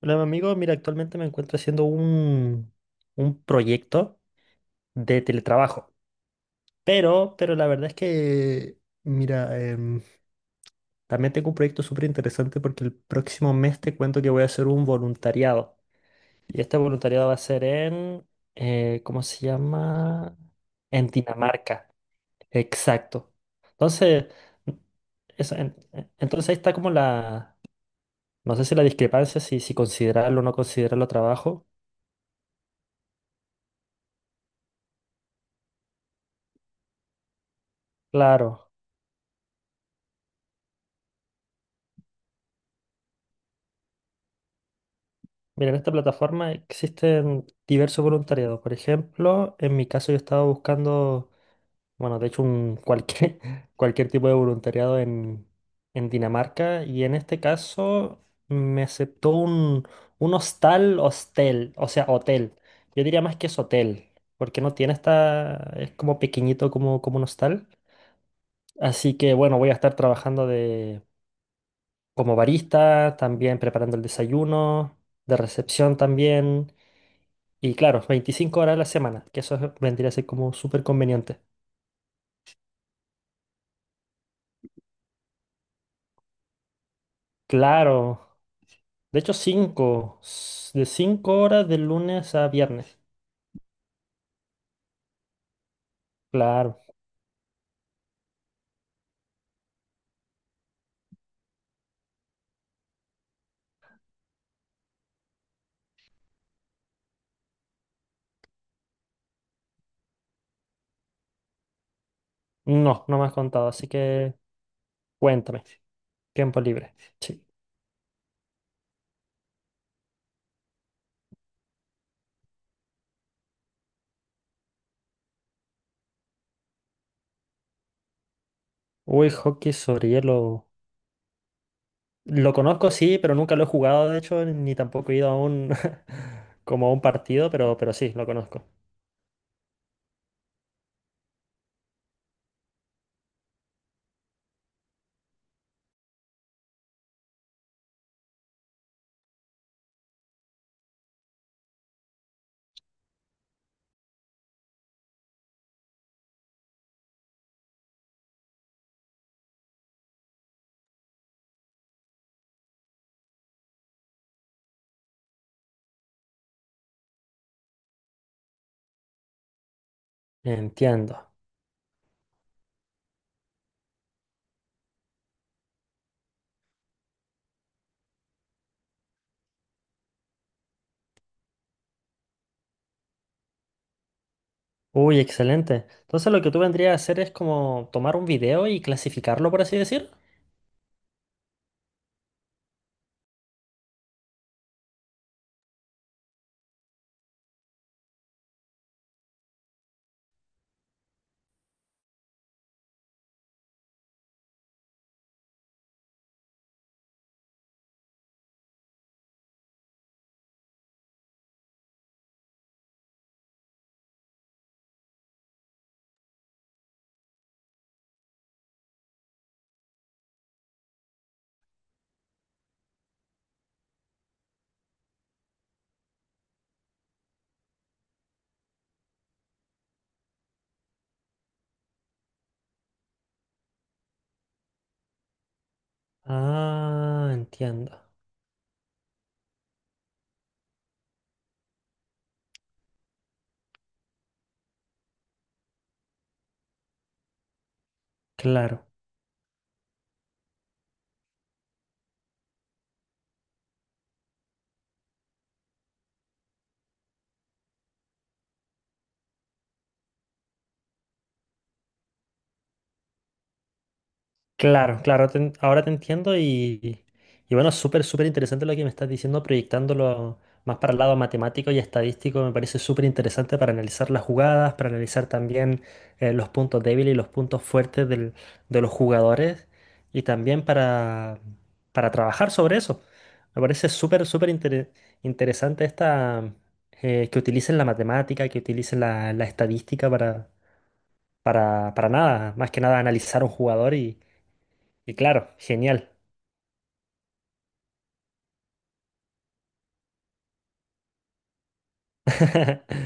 Hola, mi amigo. Mira, actualmente me encuentro haciendo un proyecto de teletrabajo. Pero la verdad es que, mira, también tengo un proyecto súper interesante porque el próximo mes te cuento que voy a hacer un voluntariado. Y este voluntariado va a ser en, ¿cómo se llama? En Dinamarca. Exacto. Entonces, eso, entonces ahí está como la, no sé si la discrepancia, si considerarlo o no considerarlo trabajo. Claro. Mira, en esta plataforma existen diversos voluntariados. Por ejemplo, en mi caso yo estaba buscando, bueno, de hecho un cualquier, cualquier tipo de voluntariado en, Dinamarca, y en este caso me aceptó un hostal, hostel, o sea, hotel. Yo diría más que es hotel, porque no tiene esta, es como pequeñito como un hostal. Así que bueno, voy a estar trabajando de, como barista, también preparando el desayuno, de recepción también. Y claro, 25 horas a la semana, que vendría a ser como súper conveniente. Claro, de hecho 5 de 5 horas de lunes a viernes. Claro, no, no me has contado, así que cuéntame. Tiempo libre. Sí. Uy, hockey sobre hielo. Lo conozco, sí, pero nunca lo he jugado, de hecho, ni tampoco he ido a un, como a un partido, pero sí, lo conozco. Entiendo. Uy, excelente. Entonces lo que tú vendrías a hacer es como tomar un video y clasificarlo, por así decir. Ah, entiendo. Claro, claro, claro. Ahora te entiendo, y bueno, súper, súper interesante lo que me estás diciendo, proyectándolo más para el lado matemático y estadístico. Me parece súper interesante para analizar las jugadas, para analizar también, los puntos débiles y los puntos fuertes de los jugadores, y también para, trabajar sobre eso. Me parece súper, súper interesante esta, que utilicen la matemática, que utilicen la estadística para nada, más que nada analizar un jugador, y claro, genial.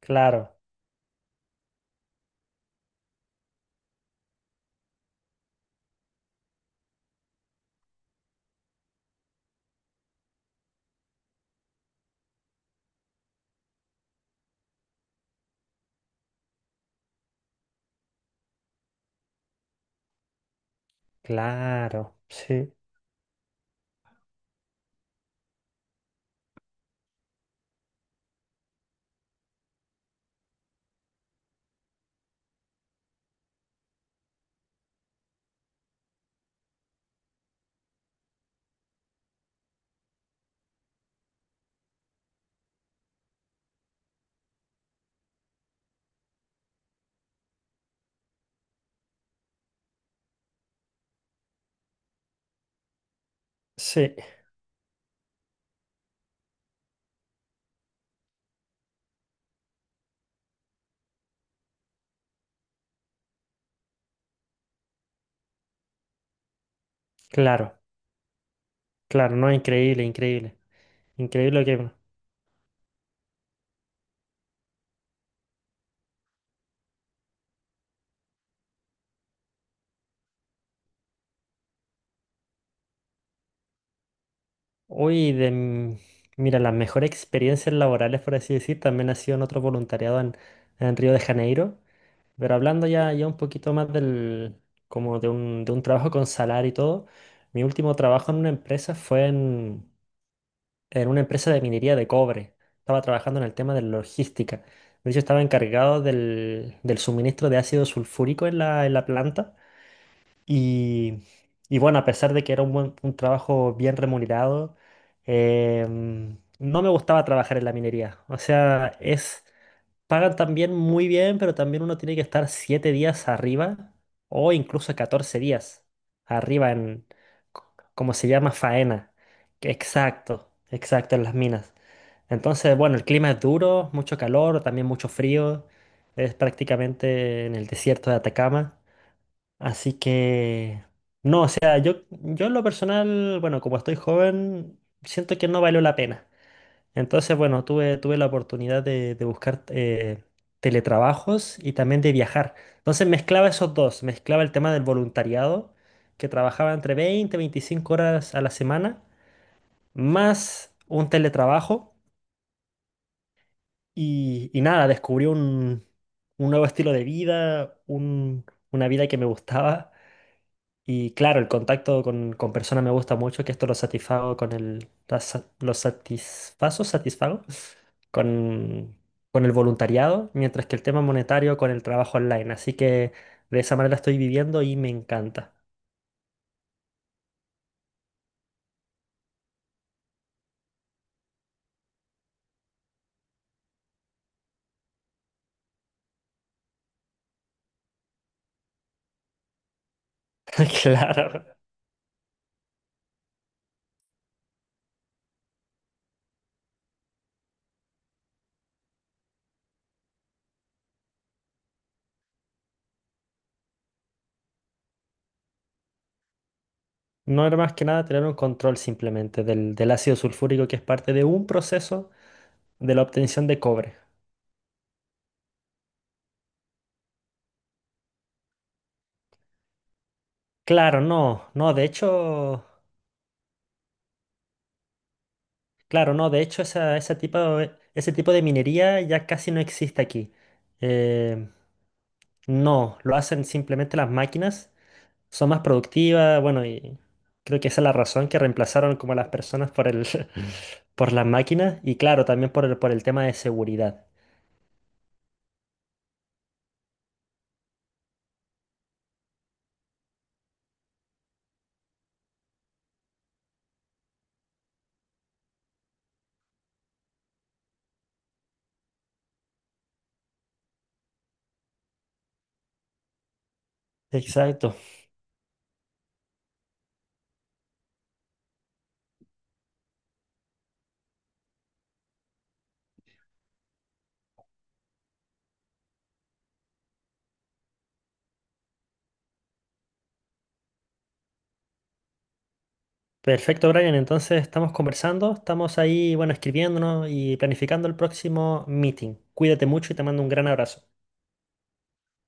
Claro, claro, sí, sí, claro, claro, no, increíble, increíble, increíble lo que. Hoy de... m- Mira, las mejores experiencias laborales, por así decir, también ha sido en otro voluntariado en, Río de Janeiro, pero hablando ya un poquito más del, como de un trabajo con salario y todo, mi último trabajo en una empresa fue en una empresa de minería de cobre. Estaba trabajando en el tema de la logística. De hecho, estaba encargado del suministro de ácido sulfúrico en la planta. Y, y bueno, a pesar de que era un trabajo bien remunerado, no me gustaba trabajar en la minería. O sea, es, pagan también muy bien, pero también uno tiene que estar 7 días arriba o incluso 14 días arriba c- como se llama, faena. Exacto, exacto, en las minas. Entonces, bueno, el clima es duro, mucho calor, también mucho frío. Es prácticamente en el desierto de Atacama. Así que, no, o sea, yo en lo personal, bueno, como estoy joven, siento que no valió la pena. Entonces, bueno, tuve la oportunidad de buscar, teletrabajos y también de viajar. Entonces mezclaba esos dos, mezclaba el tema del voluntariado, que trabajaba entre veinte y 25 horas a la semana, más un teletrabajo. Y nada, descubrí un nuevo estilo de vida, una vida que me gustaba. Y claro, el contacto con, personas me gusta mucho, que esto lo satisfago con el... la sa- Lo satisfazo, satisfago con, con el voluntariado, mientras que el tema monetario con el trabajo online. Así que de esa manera estoy viviendo y me encanta. Claro. No era más que nada tener un control simplemente del ácido sulfúrico, que es parte de un proceso de la obtención de cobre. Claro, no, no, de hecho, claro, no, de hecho ese tipo de minería ya casi no existe aquí. Eh, no, lo hacen simplemente las máquinas, son más productivas, bueno, y creo que esa es la razón que reemplazaron como a las personas por el, por las máquinas, y claro, también por el tema de seguridad. Exacto. Perfecto, Brian, entonces estamos conversando, estamos ahí, bueno, escribiéndonos y planificando el próximo meeting. Cuídate mucho y te mando un gran abrazo.